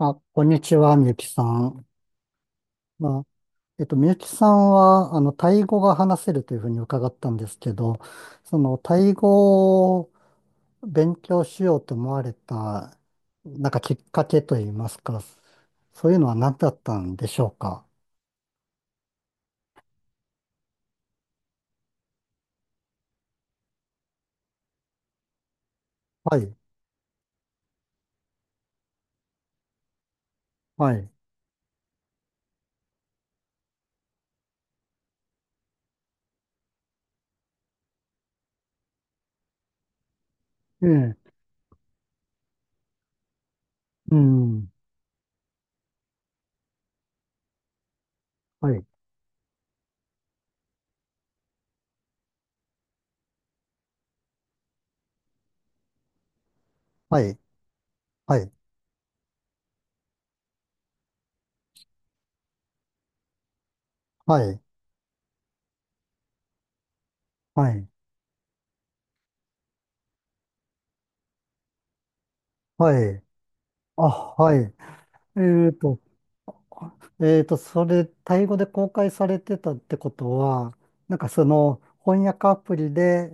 あ、こんにちは、みゆきさん。まあ、みゆきさんは、タイ語が話せるというふうに伺ったんですけど、その、タイ語を勉強しようと思われた、なんかきっかけといいますか、そういうのは何だったんでしょうか。はい、はい、ええ、うん、はい、はい、はい、はい、はい、はい、あ、はい。えっと、それ、タイ語で公開されてたってことは、なんかその翻訳アプリで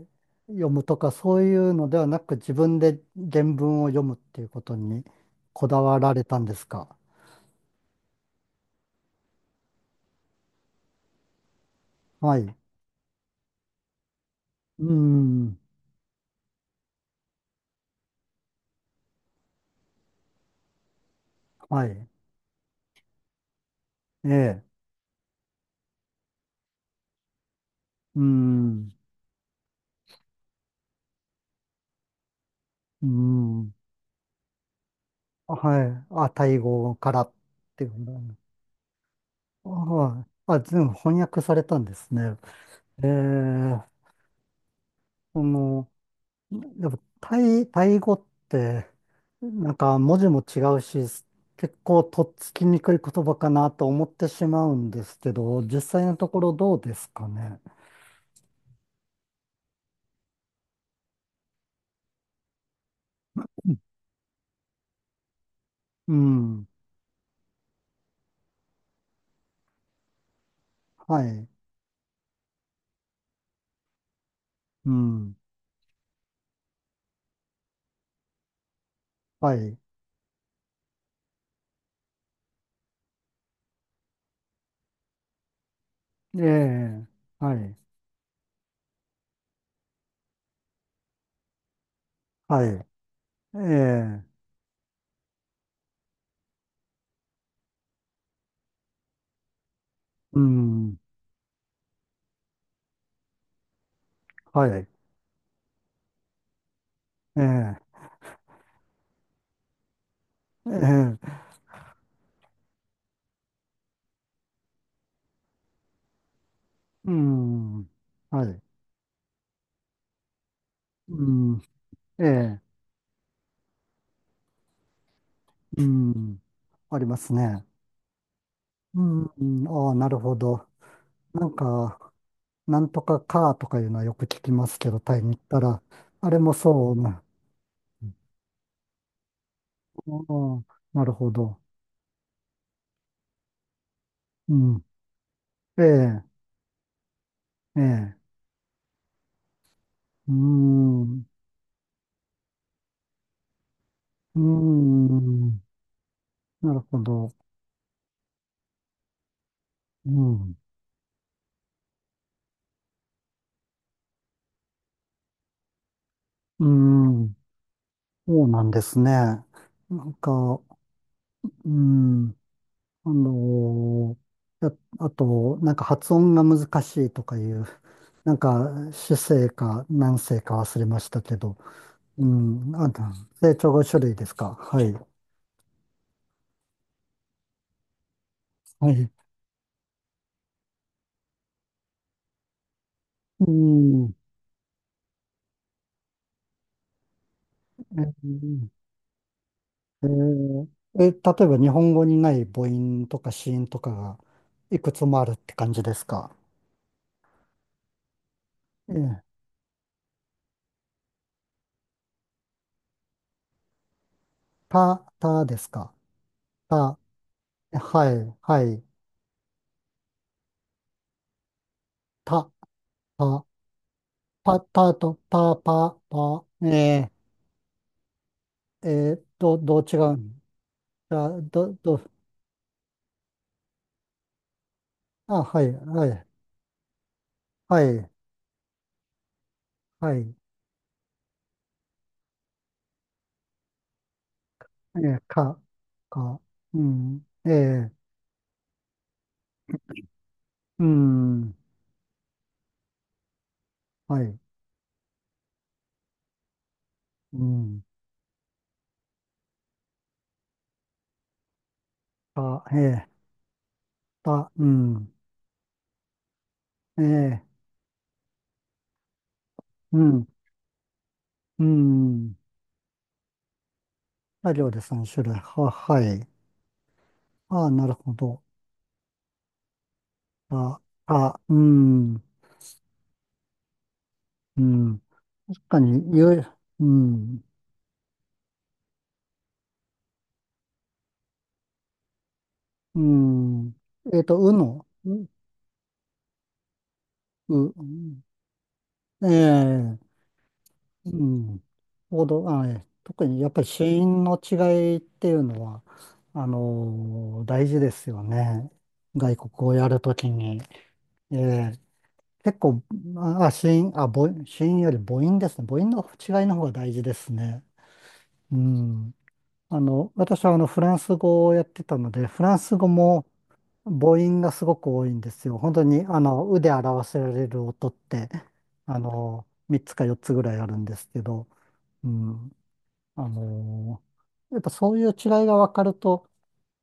読むとかそういうのではなく自分で原文を読むっていうことにこだわられたんですか？はい。うん。はい。ええ。うん。うん。はい。あ、タイ語からっていうのね。あ、はい、あ、全部翻訳されたんですね。ええ、その、でも、タイ語って、なんか文字も違うし、結構とっつきにくい言葉かなと思ってしまうんですけど、実際のところどうですかね。うん。はい。うん。はい。ええ。はい。はい。ええ。うん。はい。ええ。ええ。うん。はい。うん。ええ。うん。ありますね。うん。ああ、なるほど。なんか、なんとかカーとかいうのはよく聞きますけど、タイに行ったら、あれもそうな。うん、なるほど。うん。ええ、ええ。うーん。うーん。なるほど。うん。うーん。そうなんですね。なんか、うーん。あのーやあと、なんか発音が難しいとかいう、なんか主声か何声か忘れましたけど、うん。成長5種類ですか。はい。はい。うん。えーえーえ例えば日本語にない母音とか子音とかがいくつもあるって感じですか？ええ、たですか？た、はい、はい、た、た、パ、たと、た、パ、パ、どう違う？じゃあ、あ、はい、はい、はい、はい、えー、か、か、うん、えー、うん、はい、うん、か、えーた、うん、ええ、うん、うん。あ、料理3種類。は、はい。ああ、なるほど。あ、あ、うん、うん。確かに、ゆ、うん、うん。うの、う、う、ええ、うん。ほど、あ、ええ、特にやっぱり子音の違いっていうのは、大事ですよね。外国をやるときに。ええ、結構、あ、あ、子音、あ、母音、子音より母音ですね。母音の違いの方が大事ですね。うん。私はフランス語をやってたので、フランス語も母音がすごく多いんですよ。本当に、うで表せられる音って、3つか4つぐらいあるんですけど、うん。あの、やっぱそういう違いが分かると、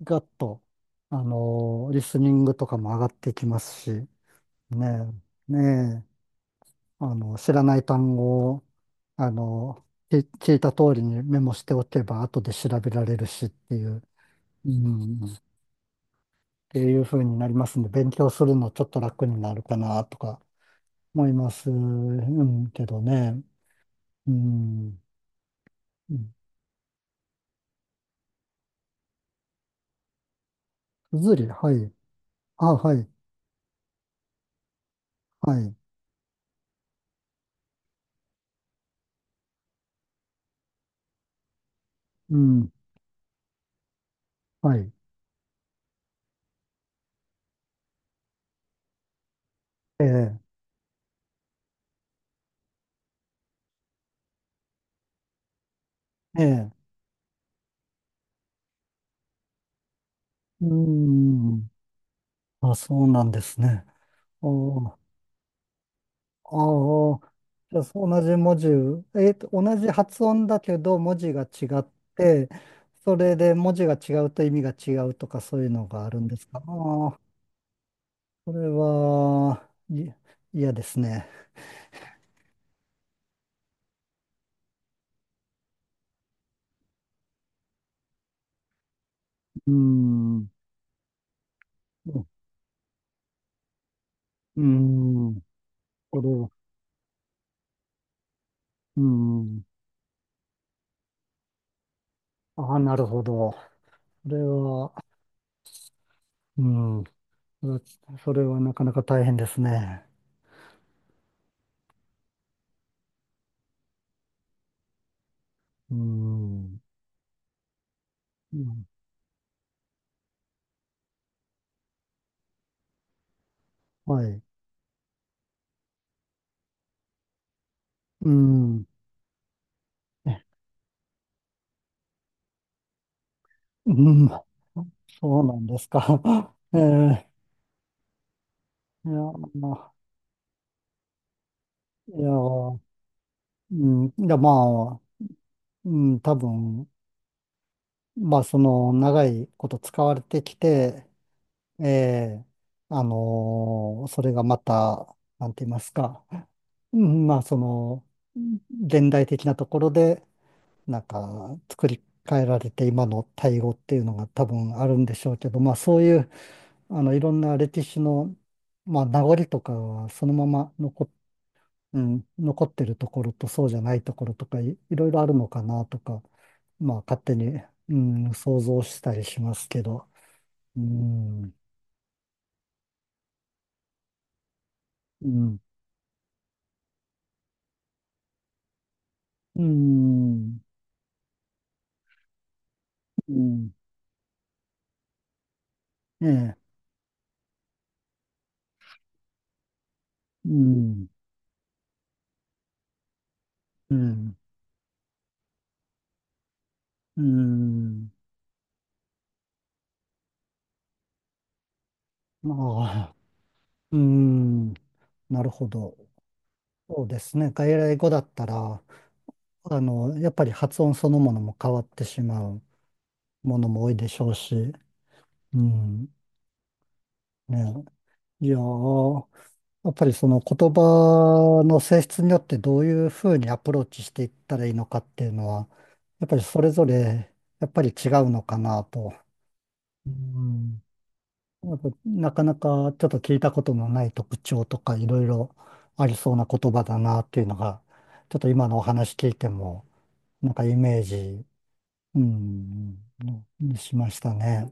ガッと、リスニングとかも上がってきますし、ねえ、ねえ。知らない単語を、あの、き聞いた通りにメモしておけば、後で調べられるしっていう、うん、っていう風になりますんで、勉強するのちょっと楽になるかなとか思います、うん、けどね。うん。うん、すずり、はい。あ、はい、はい。うん、はい。ええ、ええ、うん。あ、そうなんですね。お、ああ、じゃあ同じ文字、同じ発音だけど文字が違って、それで文字が違うと意味が違うとかそういうのがあるんですか？ああ、それは、嫌ですね。うーん、うーん、これは、うーん、ああ、なるほど。それは、うん、それはなかなか大変ですね。うーん、うん、はい、うーん、え、うん、そうなんですか。ええ、いや、まあ、いや、うん、いや、まあ、うん、多分、まあ、その、長いこと使われてきて、ええ、それがまた、なんて言いますか、うん、まあ、その、現代的なところで、なんか、作り変えられて、今の対応っていうのが多分あるんでしょうけど、まあ、そういう、いろんな歴史の、まあ、名残とかはそのまま残って、うん、残ってるところとそうじゃないところとか、いろいろあるのかなとか、まあ勝手に、うん、想像したりしますけど、うん、うん、うん、うん、ええ、うん、うん、うん、まあ、うん、なるほど。そうですね。外来語だったら、やっぱり発音そのものも変わってしまうものも多いでしょうし、うん、ね、いやー、やっぱりその言葉の性質によってどういうふうにアプローチしていったらいいのかっていうのは、やっぱりそれぞれやっぱり違うのかなと。うん。やっぱなかなかちょっと聞いたことのない特徴とかいろいろありそうな言葉だなっていうのが、ちょっと今のお話聞いても、なんかイメージ、うん、しましたね。